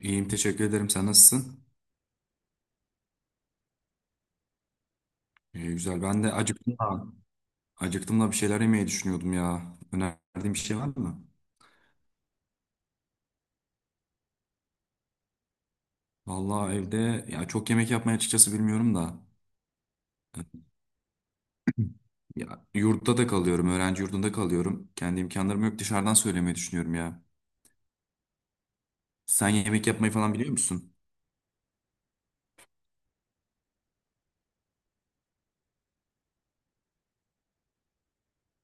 İyiyim teşekkür ederim. Sen nasılsın? İyi, güzel. Ben de acıktım da, acıktım da bir şeyler yemeyi düşünüyordum ya. Önerdiğin bir şey var mı? Vallahi evde ya çok yemek yapmayı açıkçası bilmiyorum da. Ya, yurtta da kalıyorum. Öğrenci yurdunda kalıyorum. Kendi imkanlarım yok. Dışarıdan söylemeyi düşünüyorum ya. Sen yemek yapmayı falan biliyor musun?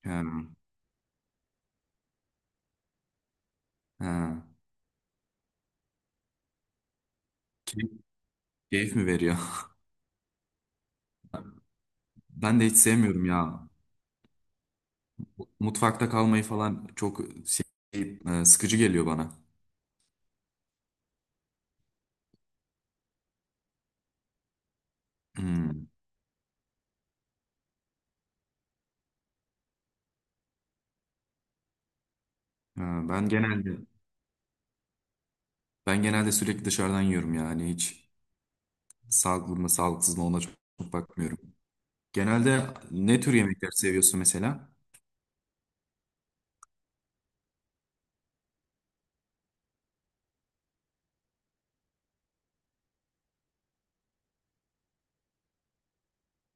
Ha, ha. Keyif, keyif mi veriyor? Ben de hiç sevmiyorum ya. Mutfakta kalmayı falan çok sıkıcı geliyor bana. Hmm. Ha, ben genelde Ben genelde sürekli dışarıdan yiyorum yani hiç sağlıklı mı sağlıksız mı ona çok bakmıyorum. Genelde ne tür yemekler seviyorsun mesela?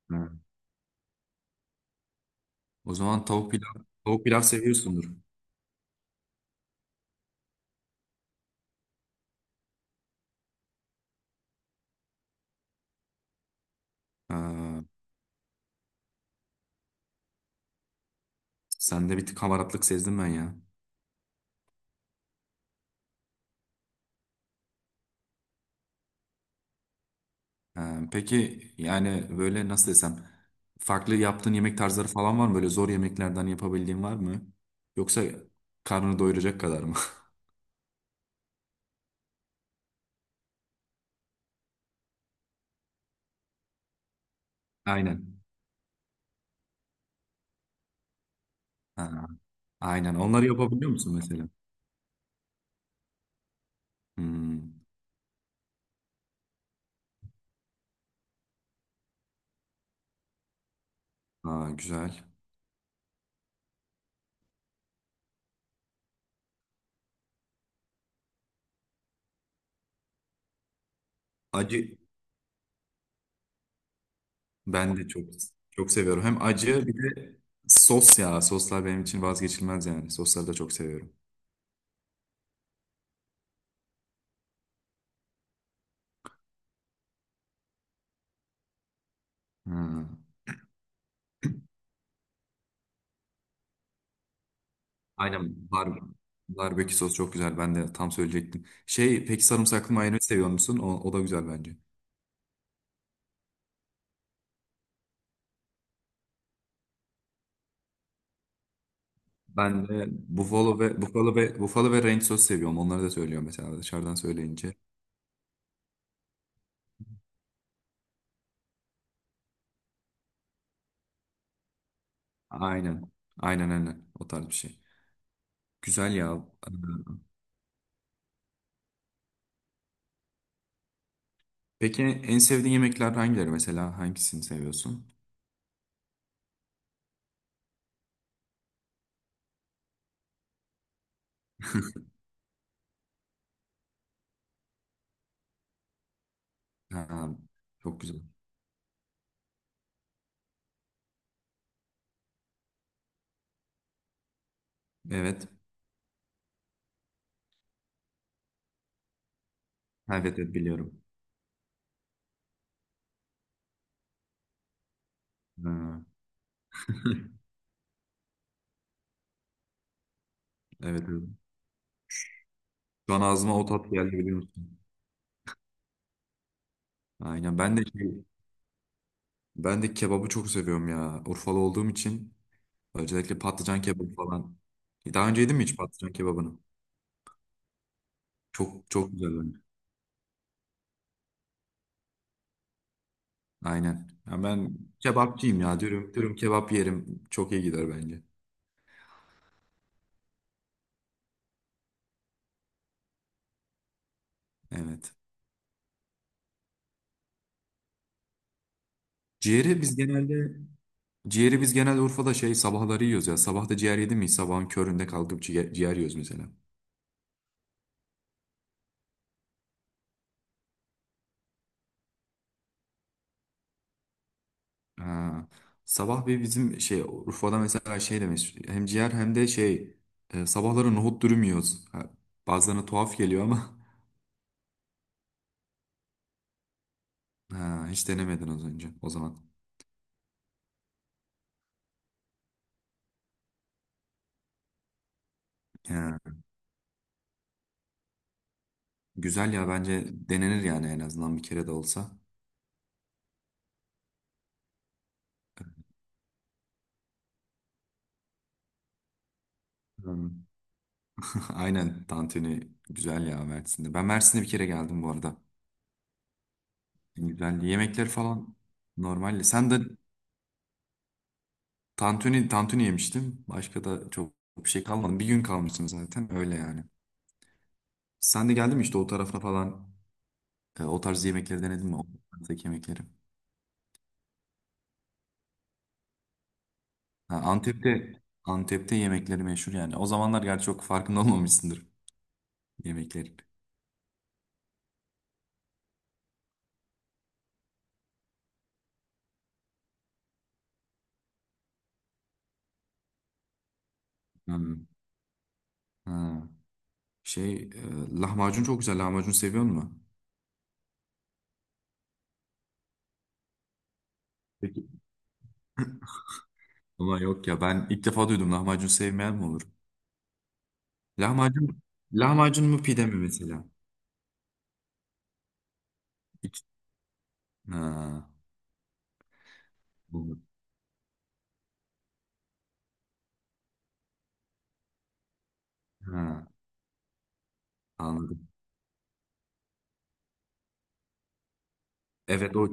Ha. O zaman tavuk pilav seviyorsundur. Ha, sende bir tık hamaratlık sezdim ben ya. Ha, peki yani böyle nasıl desem farklı yaptığın yemek tarzları falan var mı? Böyle zor yemeklerden yapabildiğin var mı? Yoksa karnını doyuracak kadar mı? Aynen. Ha, aynen. Onları yapabiliyor musun mesela? Hmm. Ha, güzel. Acı Ben de çok seviyorum. Hem acı bir de sos ya. Soslar benim için vazgeçilmez yani. Sosları da çok seviyorum. Hmm. Aynen bar barbekü sos çok güzel. Ben de tam söyleyecektim. Şey peki sarımsaklı mayonez seviyor musun? O da güzel bence. Ben de buffalo ve ranch sos seviyorum. Onları da söylüyorum mesela dışarıdan söyleyince. Aynen. Aynen. O tarz bir şey. Güzel ya. Peki en sevdiğin yemekler hangileri mesela? Hangisini seviyorsun? Ha, çok güzel. Evet. Ha, evet evet biliyorum. Ha. Evet evet. Şu an ağzıma o tat geldi biliyor musun? Aynen ben de şey, ben de kebabı çok seviyorum ya. Urfalı olduğum için özellikle patlıcan kebabı falan. Daha önce yedin mi hiç patlıcan kebabını? Çok çok güzel bence. Aynen. Ya ben kebapçıyım ya. Dürüm kebap yerim. Çok iyi gider bence. Evet. Ciğeri biz genelde ciğeri biz genelde Urfa'da şey sabahları yiyoruz ya. Sabah da ciğer yedin mi? Sabahın köründe kalkıp ciğer yiyoruz mesela. Ha. Sabah bir bizim şey Urfa'da mesela şey demiş hem ciğer hem de sabahları nohut dürüm yiyoruz. Ha, bazılarına tuhaf geliyor ama ha, hiç denemedin az önce o zaman. Ha, güzel ya bence denenir yani en azından bir kere de olsa. Hmm. Aynen tantuni güzel ya Mersin'de. Ben Mersin'e bir kere geldim bu arada. Güzel yemekler falan normal. Sen de tantuni yemiştim. Başka da çok bir şey kalmadı. Bir gün kalmıştım zaten öyle yani. Sen de geldin mi işte o tarafa falan? O tarz yemekleri denedin mi? O tarzdaki yemekleri. Ha, Antep'te yemekleri meşhur yani. O zamanlar gerçi çok farkında olmamışsındır yemekleri. Hmm. Ha. Lahmacun çok güzel. Lahmacun seviyor musun? Peki. Ama yok ya ben ilk defa duydum lahmacun sevmeyen mi olur? Lahmacun lahmacun mu pide mi mesela? İç- Ha, bu- ha, anladım. Evet o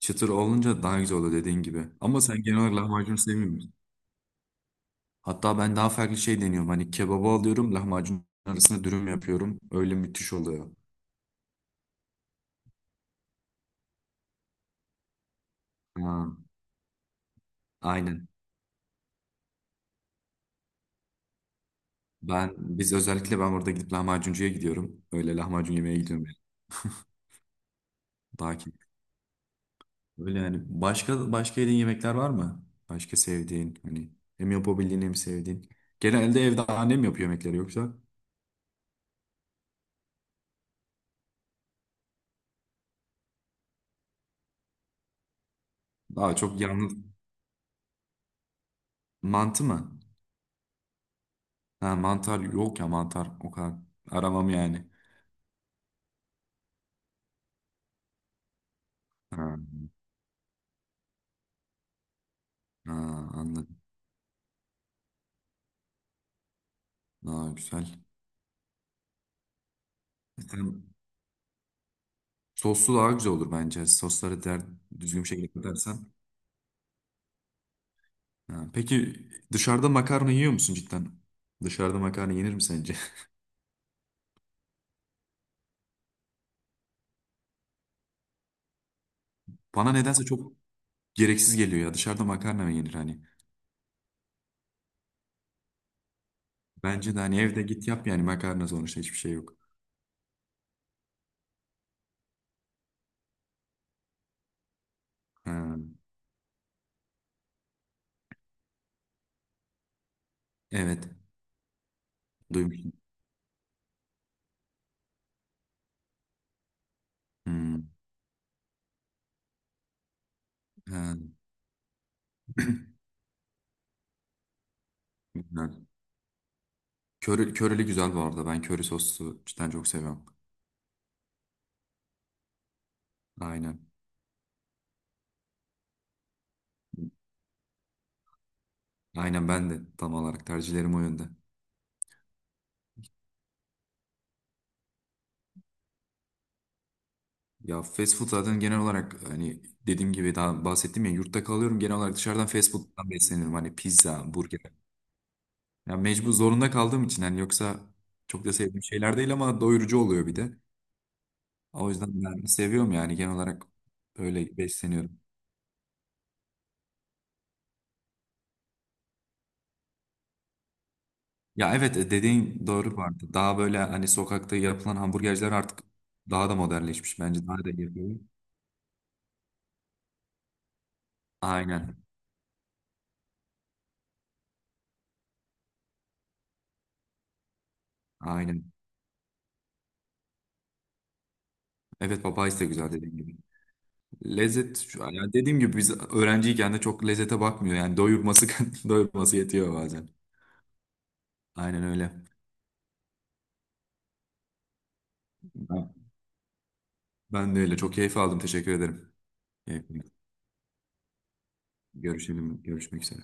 çıtır olunca daha güzel oluyor dediğin gibi. Ama sen genel olarak lahmacun sevmiyorsun. Hatta ben daha farklı şey deniyorum. Hani kebabı alıyorum, lahmacun arasına dürüm yapıyorum. Öyle müthiş oluyor. Ha, aynen. Biz özellikle ben orada gidip lahmacuncuya gidiyorum. Öyle lahmacun yemeye gidiyorum yani. Daha ki öyle yani. Başka yediğin yemekler var mı? Başka sevdiğin hani hem yapabildiğin hem sevdiğin. Genelde evde annem yapıyor yemekleri yoksa daha çok yalnız mantı mı? Ha, mantar yok ya mantar o kadar aramam yani. Ha, ha, anladım. Daha güzel. Soslu daha güzel olur bence. Düzgün bir şekilde katarsan. Ha, peki dışarıda makarna yiyor musun cidden? Dışarıda makarna yenir mi sence? Bana nedense çok gereksiz geliyor ya. Dışarıda makarna mı yenir hani? Bence de hani evde git yap yani makarna sonuçta hiçbir şey yok. Ha, evet. Duymuştum. Hmm, ha. Güzel. Körili güzel bu arada. Ben köri soslu cidden çok seviyorum. Aynen. Aynen ben de tam olarak tercihlerim o yönde. Ya fast food zaten genel olarak hani dediğim gibi daha bahsettim ya yurtta kalıyorum genel olarak dışarıdan fast food'dan besleniyorum hani pizza, burger. Ya mecbur zorunda kaldığım için hani yoksa çok da sevdiğim şeyler değil ama doyurucu oluyor bir de. O yüzden ben seviyorum yani genel olarak öyle besleniyorum. Dediğin doğru vardı. Daha böyle hani sokakta yapılan hamburgerciler artık daha da modernleşmiş bence daha da yapıyor. Aynen. Aynen. Evet Popeyes de güzel dediğin gibi. Lezzet şu an yani dediğim gibi biz öğrenciyken de çok lezzete bakmıyor yani doyurması doyurması yetiyor bazen. Aynen öyle. Ben, ben de öyle çok keyif aldım teşekkür ederim. Keyifli. Görüşelim görüşmek üzere.